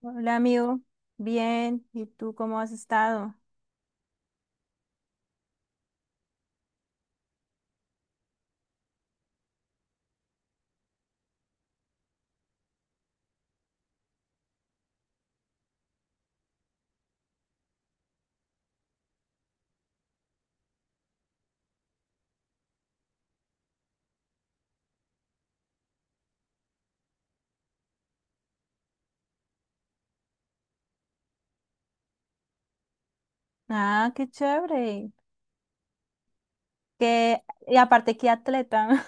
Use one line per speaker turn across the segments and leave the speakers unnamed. Hola amigo, bien, ¿y tú cómo has estado? Ah, qué chévere. Que y aparte, qué atleta.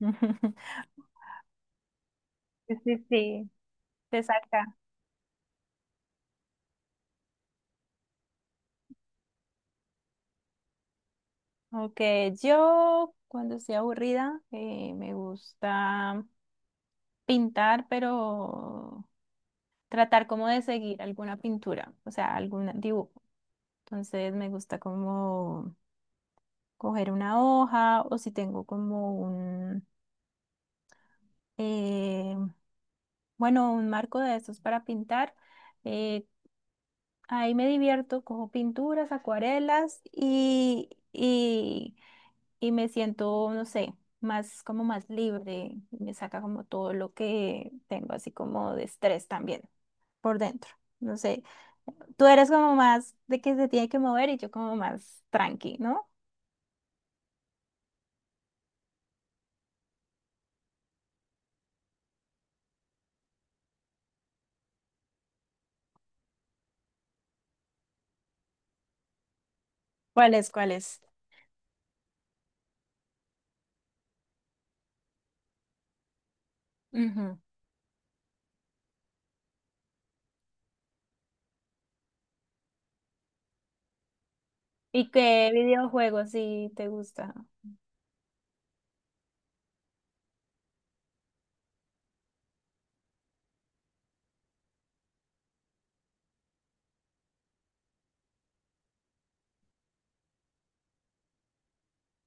Sí, sí, sí, te saca. Ok, yo cuando estoy aburrida me gusta pintar, pero tratar como de seguir alguna pintura, o sea, algún dibujo. Entonces me gusta como coger una hoja o si tengo como un... eh, Bueno, un marco de esos para pintar. eh, Ahí me divierto, cojo pinturas, acuarelas y me siento, no sé, más como más libre. Me saca como todo lo que tengo, así como de estrés también por dentro. No sé, tú eres como más de que se tiene que mover y yo como más tranqui, ¿no? ¿Cuáles? Ujú. ¿Y qué videojuegos sí te gusta?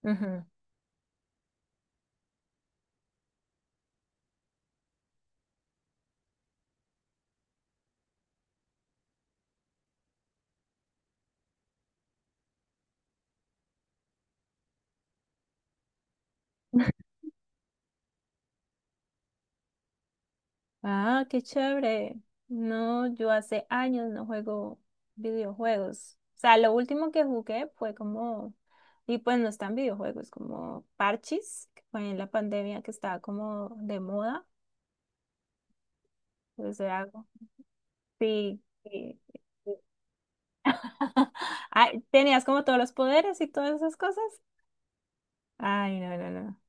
Ujú. Ah, qué chévere. No, yo hace años no juego videojuegos. O sea, lo último que jugué fue como, y pues no están videojuegos, como parches, que fue en la pandemia que estaba como de moda. Pues era algo. Sí, sí. Ay, ¿tenías como todos los poderes y todas esas cosas? Ay, no, no, no.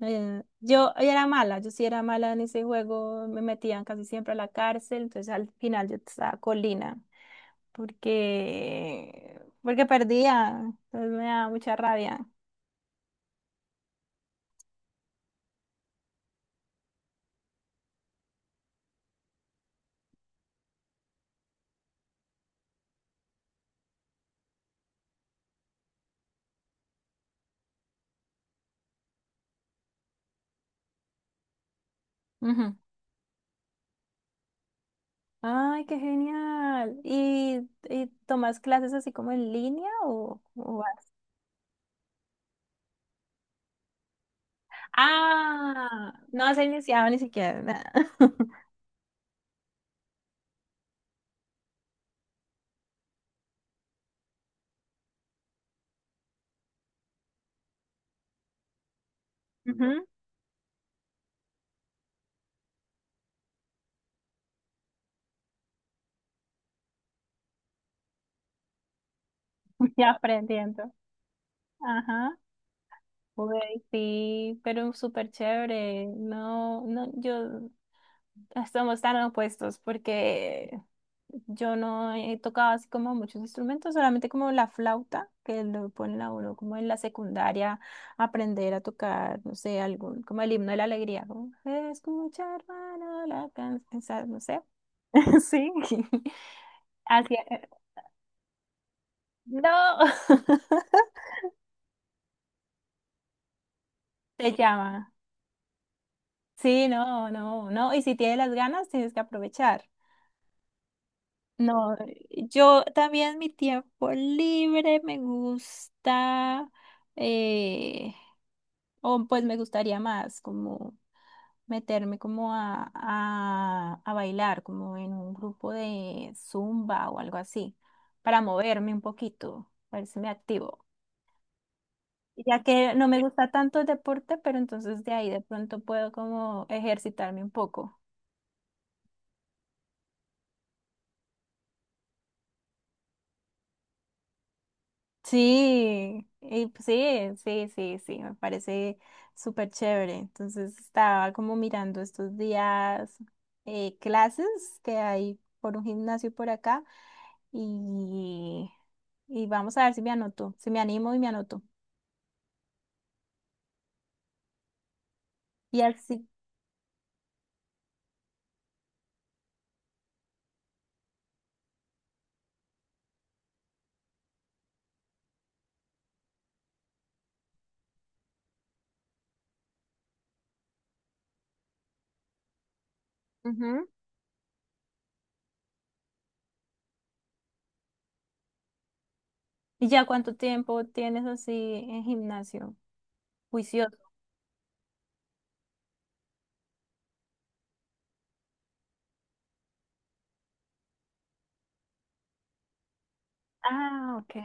Yo era mala, yo sí era mala en ese juego, me metían casi siempre a la cárcel, entonces al final yo estaba colina, porque perdía, entonces me daba mucha rabia. Ujú. Ay, qué genial. Y tomas clases así como en línea o vas? Ah, no se iniciado ni siquiera. Nada. Ujú, ya aprendiendo. Ajá. Güey sí, pero súper chévere. No, no, yo estamos tan opuestos porque yo no he tocado así como muchos instrumentos, solamente como la flauta, que lo ponen a uno como en la secundaria, aprender a tocar, no sé, algún, como el himno de la alegría, como escucha, hermano, la canción, no sé. Sí. Así, no, se llama. Sí, no, no, no. Y si tienes las ganas, tienes que aprovechar. No, yo también mi tiempo libre me gusta, eh, o pues me gustaría más como meterme como a bailar, como en un grupo de zumba o algo así, para moverme un poquito, para me activo. Ya que no me gusta tanto el deporte, pero entonces de ahí de pronto puedo como ejercitarme un poco. Sí, y pues sí, sí, sí, sí, me parece súper chévere. Entonces estaba como mirando estos días clases que hay por un gimnasio por acá y, y vamos a ver si me anoto, si me animo y me anoto. Y así, ujú. ¿Y ya cuánto tiempo tienes así en gimnasio? Juicioso. Ah, ok.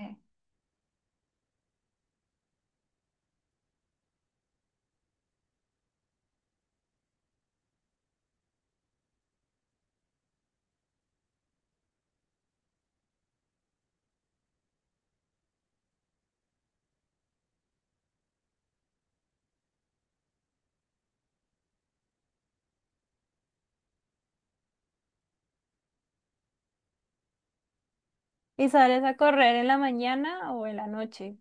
¿Y sales a correr en la mañana o en la noche?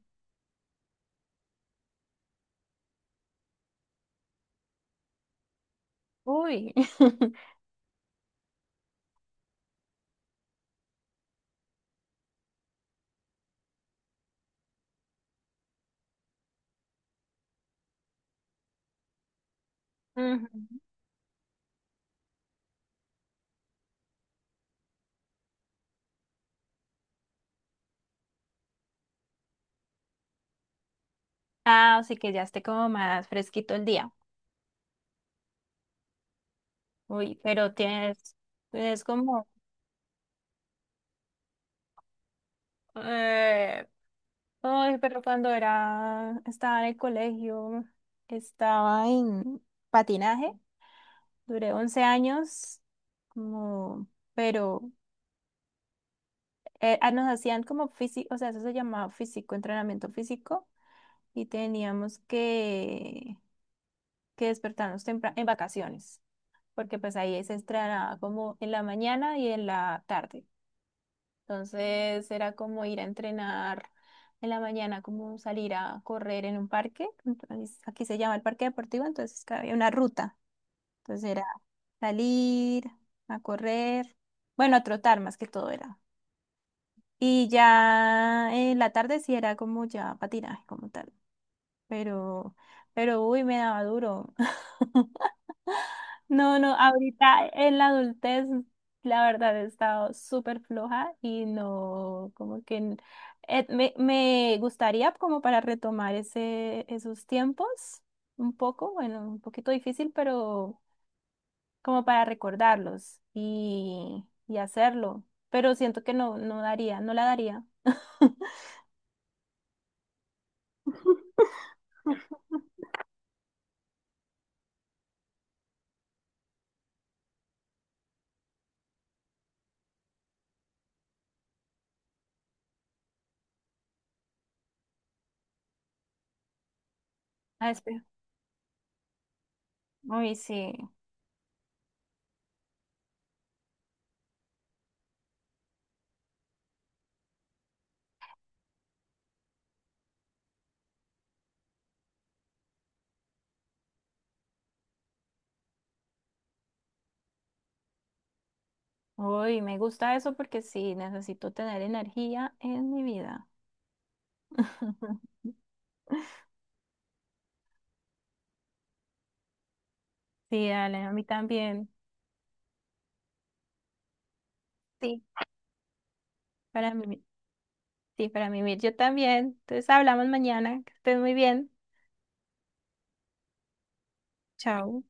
Uy. Ujú. Ah, así que ya esté como más fresquito el día. Uy, pero tienes, es como, eh, ay, pero cuando era, estaba en el colegio, estaba en patinaje, duré 11 años, como, pero nos hacían como físico, o sea, eso se llamaba físico, entrenamiento físico, y teníamos que, que despertarnos temprano, en vacaciones, porque pues ahí se entrenaba como en la mañana y en la tarde. Entonces era como ir a entrenar en la mañana, como salir a correr en un parque. Entonces, aquí se llama el parque deportivo, entonces que había una ruta. Entonces era salir a correr, bueno, a trotar más que todo era. Y ya en la tarde sí era como ya patinaje como tal, pero, pero uy, me daba duro. No, no, ahorita en la adultez, la verdad he estado súper floja y no, como que me, me gustaría como para retomar ese, esos tiempos un poco, bueno, un poquito difícil, pero como para recordarlos y hacerlo. Pero siento que no, no daría, no la daría. Ah, espera. Uy, sí. Uy, me gusta eso porque sí, necesito tener energía en mi vida. Sí, dale, a mí también. Sí, para mí, sí, para mí, Mir, yo también. Entonces hablamos mañana. Que estés muy bien. Chao.